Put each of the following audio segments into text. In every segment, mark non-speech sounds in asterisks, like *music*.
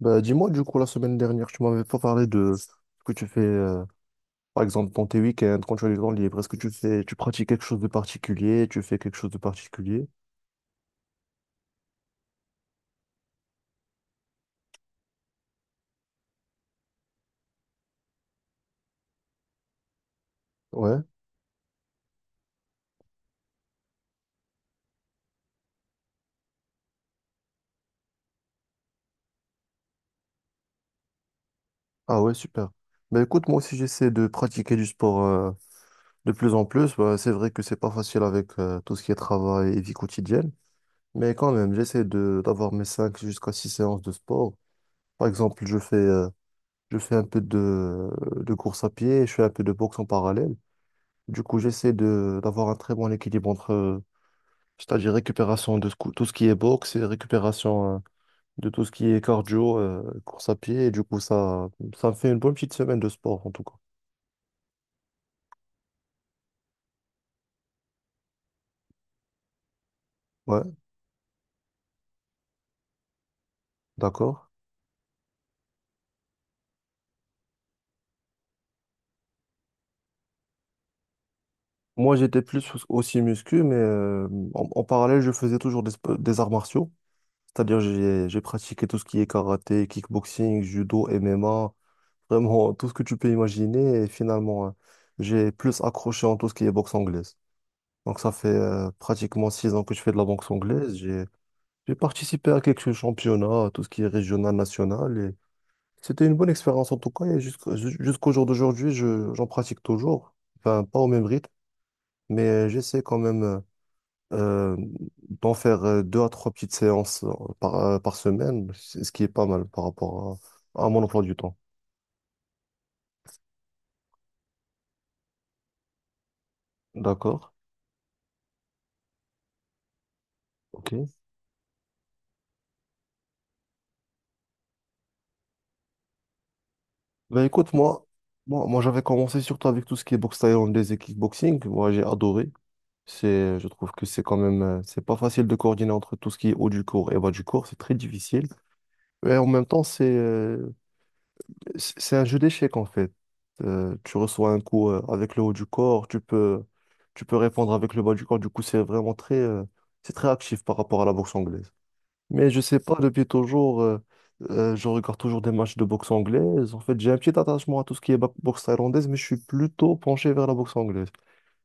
Bah, dis-moi, du coup, la semaine dernière, tu m'avais pas parlé de ce que tu fais, par exemple, dans tes week-ends, quand tu as du temps libre. Est-ce que tu fais, tu pratiques quelque chose de particulier? Tu fais quelque chose de particulier? Ouais. Ah ouais, super. Bah, écoute, moi aussi, j'essaie de pratiquer du sport, de plus en plus. Bah, c'est vrai que c'est pas facile avec, tout ce qui est travail et vie quotidienne. Mais quand même, j'essaie d'avoir mes 5 jusqu'à 6 séances de sport. Par exemple, je fais un peu de course à pied, je fais un peu de boxe en parallèle. Du coup, j'essaie de d'avoir un très bon équilibre entre, c'est-à-dire récupération tout ce qui est boxe et récupération de tout ce qui est cardio, course à pied. Et du coup, ça me fait une bonne petite semaine de sport, en tout cas. Ouais, d'accord. Moi, j'étais plus aussi muscu, mais en parallèle, je faisais toujours des arts martiaux. C'est-à-dire, j'ai pratiqué tout ce qui est karaté, kickboxing, judo, MMA, vraiment tout ce que tu peux imaginer. Et finalement, j'ai plus accroché en tout ce qui est boxe anglaise. Donc ça fait pratiquement 6 ans que je fais de la boxe anglaise. J'ai participé à quelques championnats, tout ce qui est régional, national. Et c'était une bonne expérience en tout cas. Et jusqu'au jour d'aujourd'hui, j'en pratique toujours. Enfin, pas au même rythme, mais j'essaie quand même euh, d'en faire deux à trois petites séances par semaine, ce qui est pas mal par rapport à mon emploi du temps. D'accord. Ok. Ben écoute, moi j'avais commencé surtout avec tout ce qui est boxe thaïlandaise et kickboxing. Moi, j'ai adoré. Je trouve que c'est quand même, c'est pas facile de coordonner entre tout ce qui est haut du cours et bas du cours, c'est très difficile. Et en même temps, c'est un jeu d'échecs en fait. Tu reçois un coup avec le haut du corps, tu peux répondre avec le bas du corps. Du coup, c'est vraiment très, c'est très actif par rapport à la boxe anglaise. Mais je sais pas, depuis toujours, je regarde toujours des matchs de boxe anglaise. En fait, j'ai un petit attachement à tout ce qui est boxe thaïlandaise, mais je suis plutôt penché vers la boxe anglaise.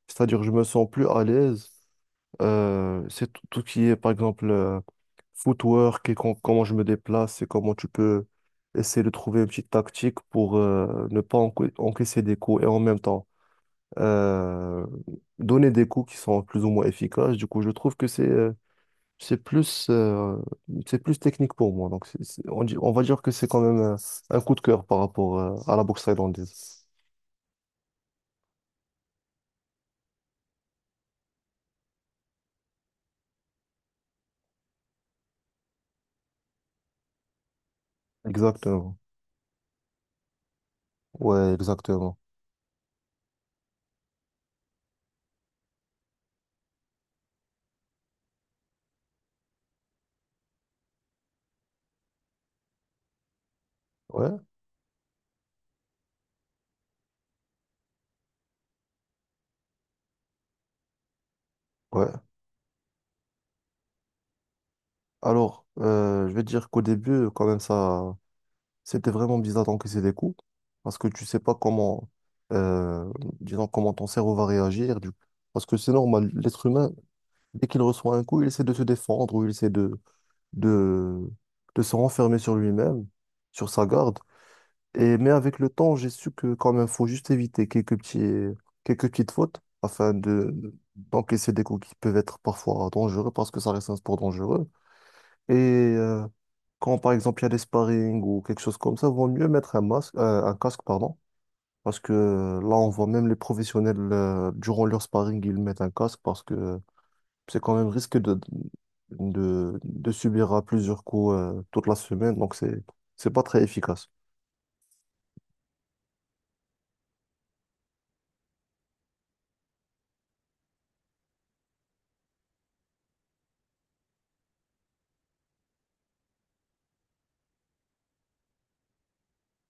C'est-à-dire, je me sens plus à l'aise. C'est tout, tout ce qui est, par exemple, footwork et comment je me déplace et comment tu peux essayer de trouver une petite tactique pour ne pas encaisser des coups et en même temps euh, donner des coups qui sont plus ou moins efficaces. Du coup, je trouve que c'est plus, euh, c'est plus technique pour moi. Donc, on va dire que c'est quand même un coup de cœur par rapport à la boxe thaïlandaise. Exactement. Ouais, exactement. Ouais, ouais. Alors, je vais dire qu'au début, quand même, ça, c'était vraiment bizarre d'encaisser des coups parce que tu sais pas comment, euh, disons, comment ton cerveau va réagir. Parce que c'est normal, l'être humain, dès qu'il reçoit un coup, il essaie de se défendre ou il essaie de, de se renfermer sur lui-même, sur sa garde. Mais avec le temps, j'ai su que quand même, faut juste éviter quelques petites fautes afin d'encaisser des coups qui peuvent être parfois dangereux parce que ça reste un sport dangereux. Et quand par exemple il y a des sparring ou quelque chose comme ça, vaut mieux mettre un masque, un casque, pardon, parce que là on voit même les professionnels durant leur sparring ils mettent un casque parce que c'est quand même risqué de subir à plusieurs coups toute la semaine, donc c'est pas très efficace.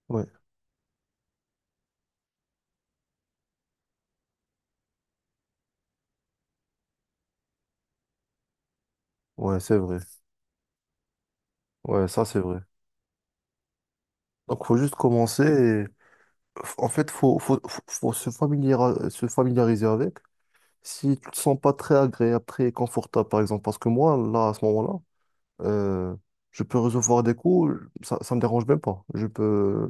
Ouais, ouais, c'est vrai. Ouais, ça c'est vrai. Donc faut juste commencer et en fait faut se familiariser avec. Si tu te sens pas très agréable, très confortable par exemple, parce que moi là à ce moment-là, Euh, je peux recevoir des coups, ça me dérange même pas. Je peux.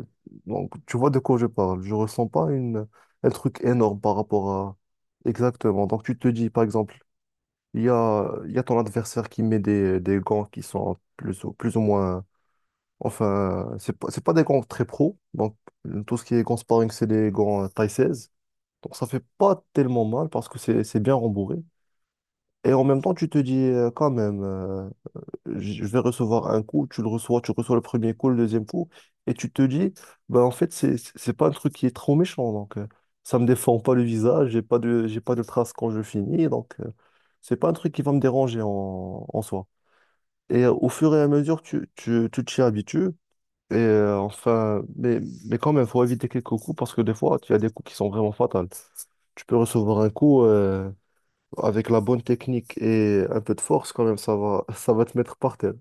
Donc, tu vois de quoi je parle. Je ressens pas un truc énorme par rapport à. Exactement. Donc, tu te dis, par exemple, il y a ton adversaire qui met des gants qui sont plus ou moins. Enfin, c'est pas des gants très pro. Donc, tout ce qui est gants sparring, c'est des gants taille 16. Donc, ça fait pas tellement mal parce que c'est bien rembourré. Et en même temps, tu te dis quand même, je vais recevoir un coup, tu le reçois, tu reçois le premier coup, le deuxième coup, et tu te dis, bah en fait, c'est pas un truc qui est trop méchant, donc ça me défend pas le visage, j'ai pas de traces quand je finis, donc c'est pas un truc qui va me déranger en soi. Et au fur et à mesure, tu t'y habitues, et enfin, mais quand même, faut éviter quelques coups, parce que des fois, tu as des coups qui sont vraiment fatals. Tu peux recevoir un coup, avec la bonne technique et un peu de force, quand même, ça va, *laughs* ça va te mettre par terre.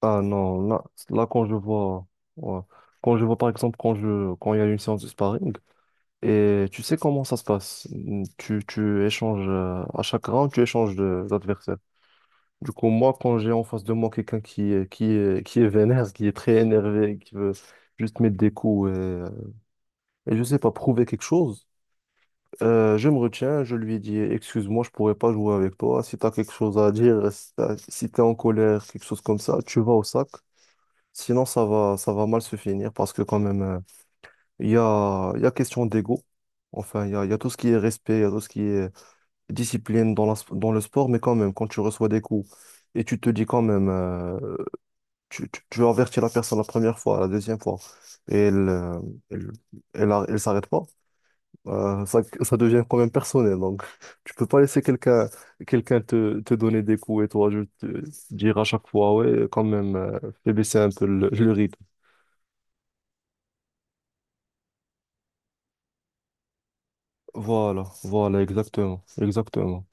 Ah non, là, là, quand je vois, ouais. Quand je vois par exemple quand il y a une séance de sparring et tu sais comment ça se passe. Tu échanges à chaque round, tu échanges d'adversaire. Du coup, moi quand j'ai en face de moi quelqu'un qui est vénère, qui est très énervé, qui veut juste mettre des coups et je sais pas prouver quelque chose, je me retiens, je lui dis excuse-moi, je pourrais pas jouer avec toi. Si tu as quelque chose à dire, si tu es en colère, quelque chose comme ça, tu vas au sac. Sinon, ça va mal se finir parce que quand même, il y a question d'ego. Enfin, il y a tout ce qui est respect, il y a tout ce qui est discipline dans le sport, mais quand même, quand tu reçois des coups et tu te dis quand même, tu avertis la personne la première fois, la deuxième fois, et elle, elle s'arrête pas, ça, ça devient quand même personnel. Donc, *laughs* tu peux pas laisser quelqu'un te donner des coups et toi, je te dire à chaque fois, ouais, quand même, fais baisser un peu le rythme. Voilà, voilà, exactement, exactement.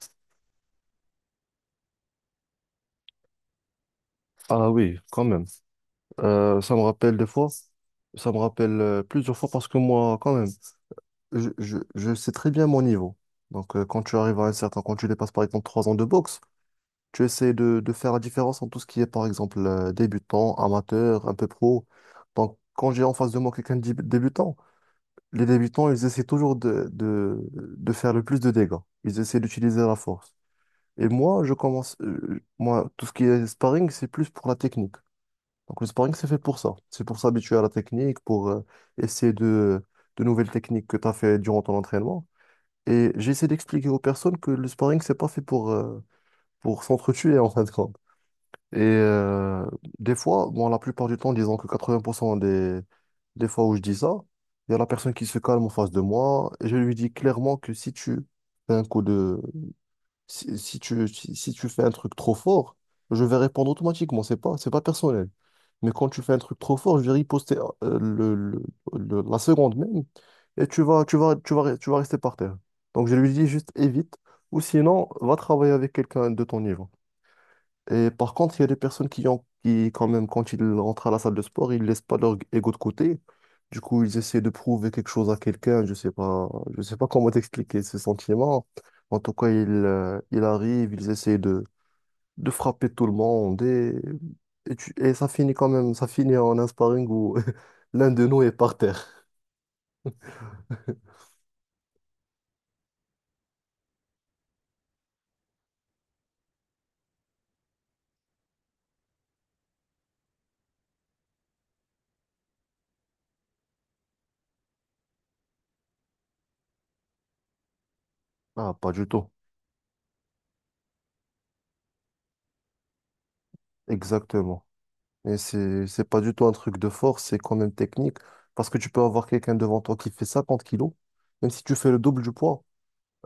Ah oui, quand même. Euh, ça me rappelle des fois, ça me rappelle plusieurs fois parce que moi, quand même, je sais très bien mon niveau. Donc, quand tu arrives quand tu dépasses par exemple 3 ans de boxe, tu essaies de faire la différence entre tout ce qui est par exemple débutant, amateur, un peu pro. Donc, quand j'ai en face de moi quelqu'un de débutant, les débutants, ils essaient toujours de faire le plus de dégâts. Ils essaient d'utiliser la force. Et moi, moi, tout ce qui est sparring, c'est plus pour la technique. Donc, le sparring, c'est fait pour ça. C'est pour s'habituer à la technique, pour essayer de nouvelles techniques que tu as fait durant ton entraînement. Et j'essaie d'expliquer aux personnes que le sparring, c'est pas fait pour s'entretuer, *laughs* en fin de compte. Et des fois, bon, la plupart du temps, disons que 80% des fois où je dis ça, il y a la personne qui se calme en face de moi et je lui dis clairement que si tu fais si, si tu fais un truc trop fort, je vais répondre automatiquement. C'est pas personnel. Mais quand tu fais un truc trop fort, je vais riposter euh, le, le- la seconde même et tu vas rester par terre. Donc je lui dis juste évite ou sinon va travailler avec quelqu'un de ton niveau. Et par contre, il y a des personnes quand même, quand ils rentrent à la salle de sport, ils laissent pas leur ego de côté. Du coup, ils essaient de prouver quelque chose à quelqu'un. Je sais pas comment *laughs* t'expliquer ce sentiment. En tout cas, ils arrivent, ils essaient de frapper tout le monde et ça finit quand même, ça finit en un sparring où *laughs* l'un de nous est par terre. Ah, pas du tout. Exactement. Et c'est pas du tout un truc de force, c'est quand même technique. Parce que tu peux avoir quelqu'un devant toi qui fait 50 kilos, même si tu fais le double du poids,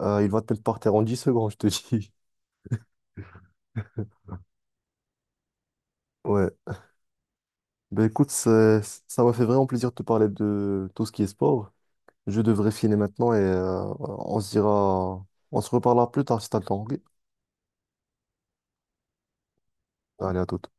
il va te mettre par terre en 10 secondes, je te dis. *laughs* Ouais. Ben écoute, ça m'a fait vraiment plaisir de te parler de tout ce qui est sport. Je devrais filer maintenant et on se reparlera plus tard si t'as le temps. Ok. Allez, à toute.